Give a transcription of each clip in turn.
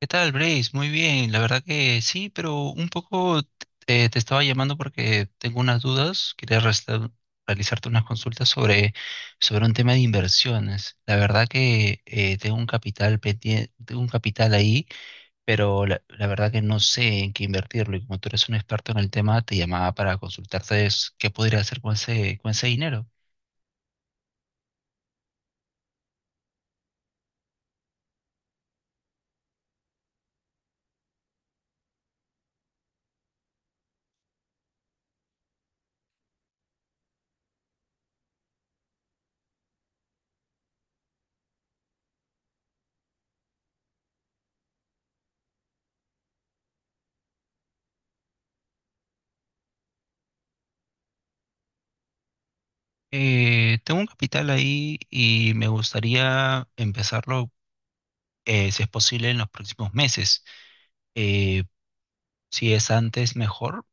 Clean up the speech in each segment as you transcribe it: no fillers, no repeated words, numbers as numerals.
¿Qué tal, Brace? Muy bien, la verdad que sí, pero un poco te estaba llamando porque tengo unas dudas. Realizarte unas consultas sobre un tema de inversiones. La verdad que tengo un tengo un capital ahí, pero la verdad que no sé en qué invertirlo. Y como tú eres un experto en el tema, te llamaba para consultarte es qué podría hacer con con ese dinero. Tengo un capital ahí y me gustaría empezarlo, si es posible, en los próximos meses. Eh, si es antes, mejor.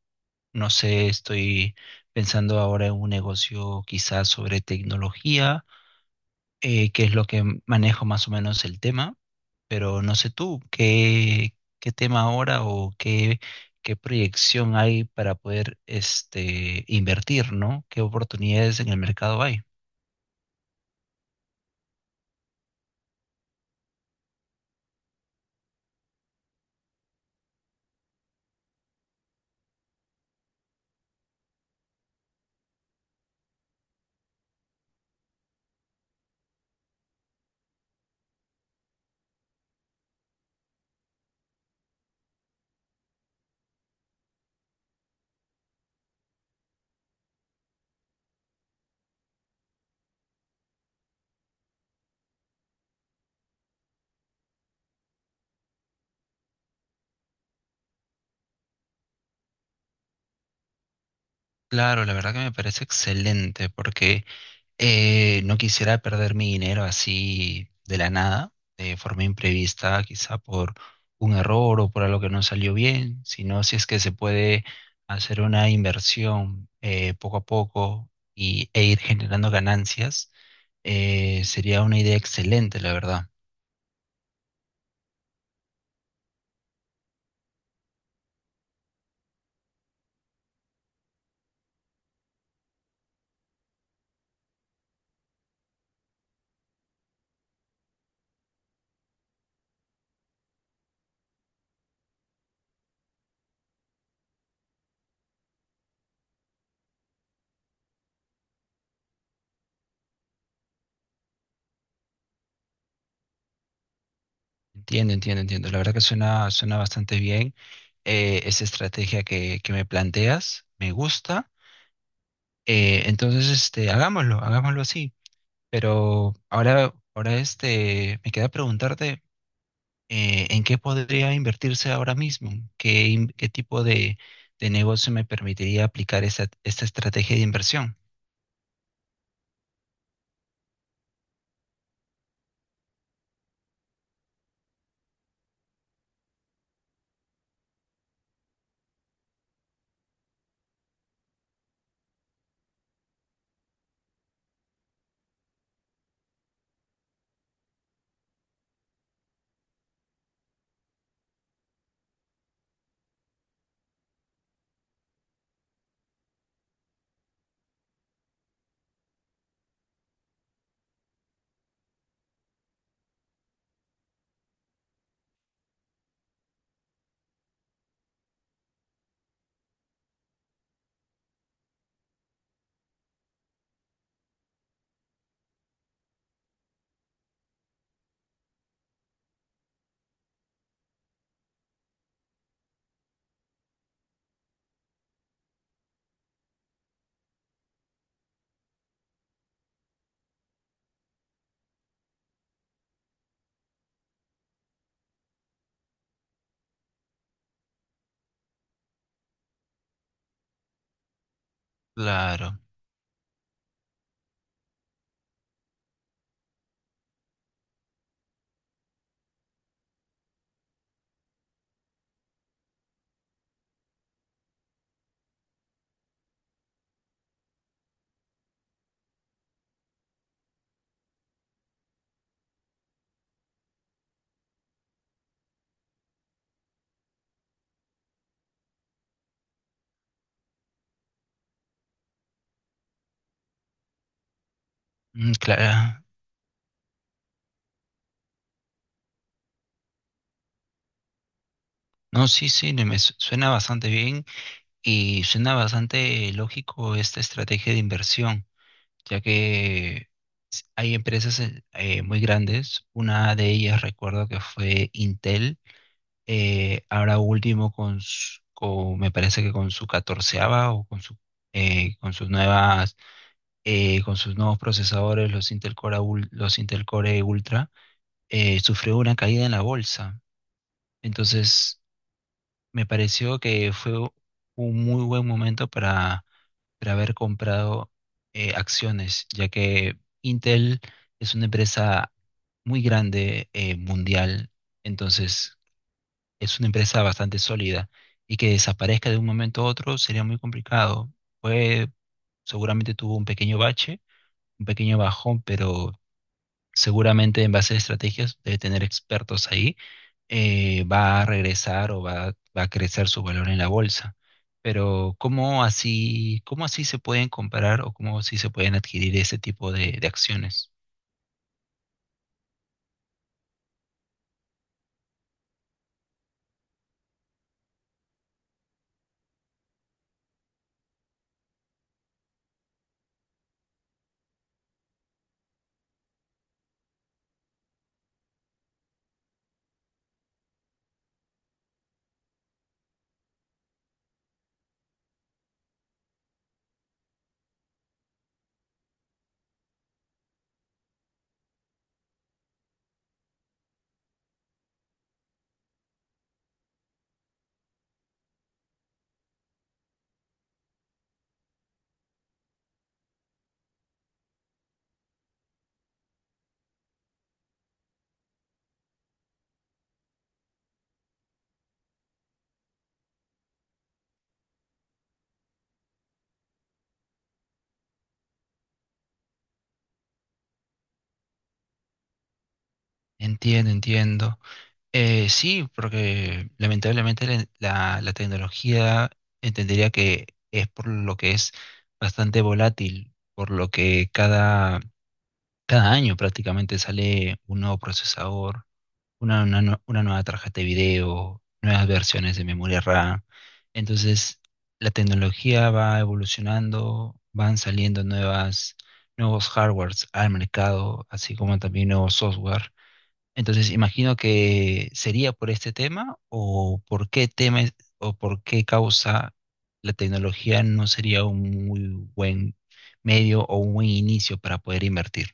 No sé, estoy pensando ahora en un negocio quizás sobre tecnología, que es lo que manejo más o menos el tema, pero no sé tú, qué tema ahora o qué proyección hay para poder este, invertir, ¿no? ¿Qué oportunidades en el mercado hay? Claro, la verdad que me parece excelente porque no quisiera perder mi dinero así de la nada, de forma imprevista, quizá por un error o por algo que no salió bien, sino si es que se puede hacer una inversión poco a poco y, e ir generando ganancias, sería una idea excelente, la verdad. Entiendo, entiendo, entiendo. La verdad que suena bastante bien esa estrategia que me planteas, me gusta. Entonces, este, hagámoslo así. Pero ahora este, me queda preguntarte en qué podría invertirse ahora mismo, qué, qué tipo de negocio me permitiría aplicar esta estrategia de inversión. Claro, mm, claro. No, sí, sí, no, suena bastante bien y suena bastante lógico esta estrategia de inversión, ya que s- hay empresas muy grandes. Una de ellas recuerdo que fue Intel ahora último me parece que con su catorceava o con su con sus nuevas con sus nuevos procesadores los Intel Core Ultra, sufrió una caída en la bolsa. Entonces me pareció que fue un muy buen momento para haber comprado acciones, ya que Intel es una empresa muy grande, mundial. Entonces es una empresa bastante sólida y que desaparezca de un momento a otro sería muy complicado. Fue, seguramente tuvo un pequeño bache, un pequeño bajón, pero seguramente en base a estrategias de tener expertos ahí, va a regresar o va a crecer su valor en la bolsa. Pero cómo así se pueden comparar o cómo así se pueden adquirir ese tipo de acciones? Entiendo, entiendo. Sí, porque lamentablemente la tecnología, entendería que es por lo que es bastante volátil, por lo que cada año prácticamente sale un nuevo procesador, una nueva tarjeta de video, nuevas versiones de memoria RAM. Entonces, la tecnología va evolucionando, van saliendo nuevos hardwares al mercado, así como también nuevos software. Entonces, imagino que sería por este tema o por qué tema o por qué causa la tecnología no sería un muy buen medio o un buen inicio para poder invertir.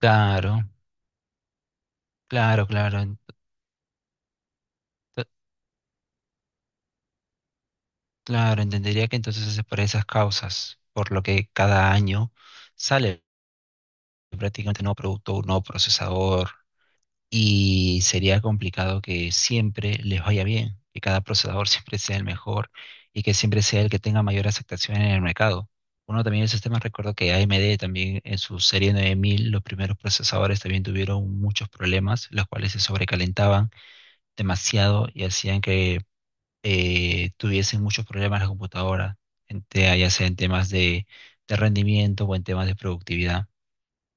Claro, claro, claro, claro, entendería que entonces es por esas causas, por lo que cada año sale prácticamente un nuevo producto, un nuevo procesador, y sería complicado que siempre les vaya bien, que cada procesador siempre sea el mejor y que siempre sea el que tenga mayor aceptación en el mercado. Uno también el sistema, recuerdo que AMD también en su serie 9000 los primeros procesadores también tuvieron muchos problemas, los cuales se sobrecalentaban demasiado y hacían que tuviesen muchos problemas la computadora, en ya sea en temas de rendimiento o en temas de productividad.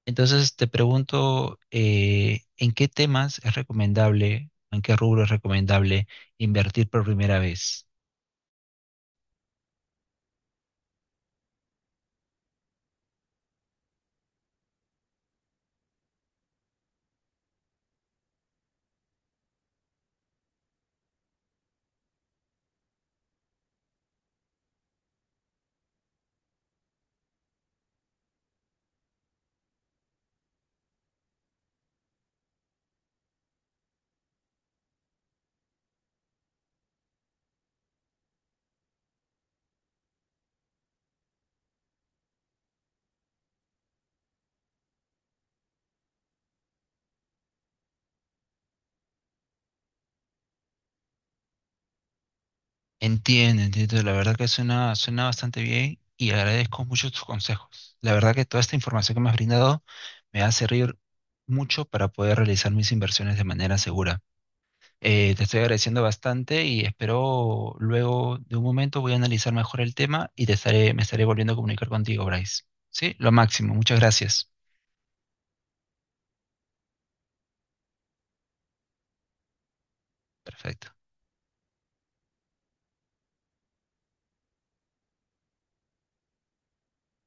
Entonces te pregunto, ¿en qué temas es recomendable, en qué rubro es recomendable invertir por primera vez? Entiendo, entiendo. La verdad que suena bastante bien y agradezco mucho tus consejos. La verdad que toda esta información que me has brindado me hace servir mucho para poder realizar mis inversiones de manera segura. Te estoy agradeciendo bastante y espero luego de un momento voy a analizar mejor el tema y te me estaré volviendo a comunicar contigo, Bryce. Sí, lo máximo. Muchas gracias. Perfecto.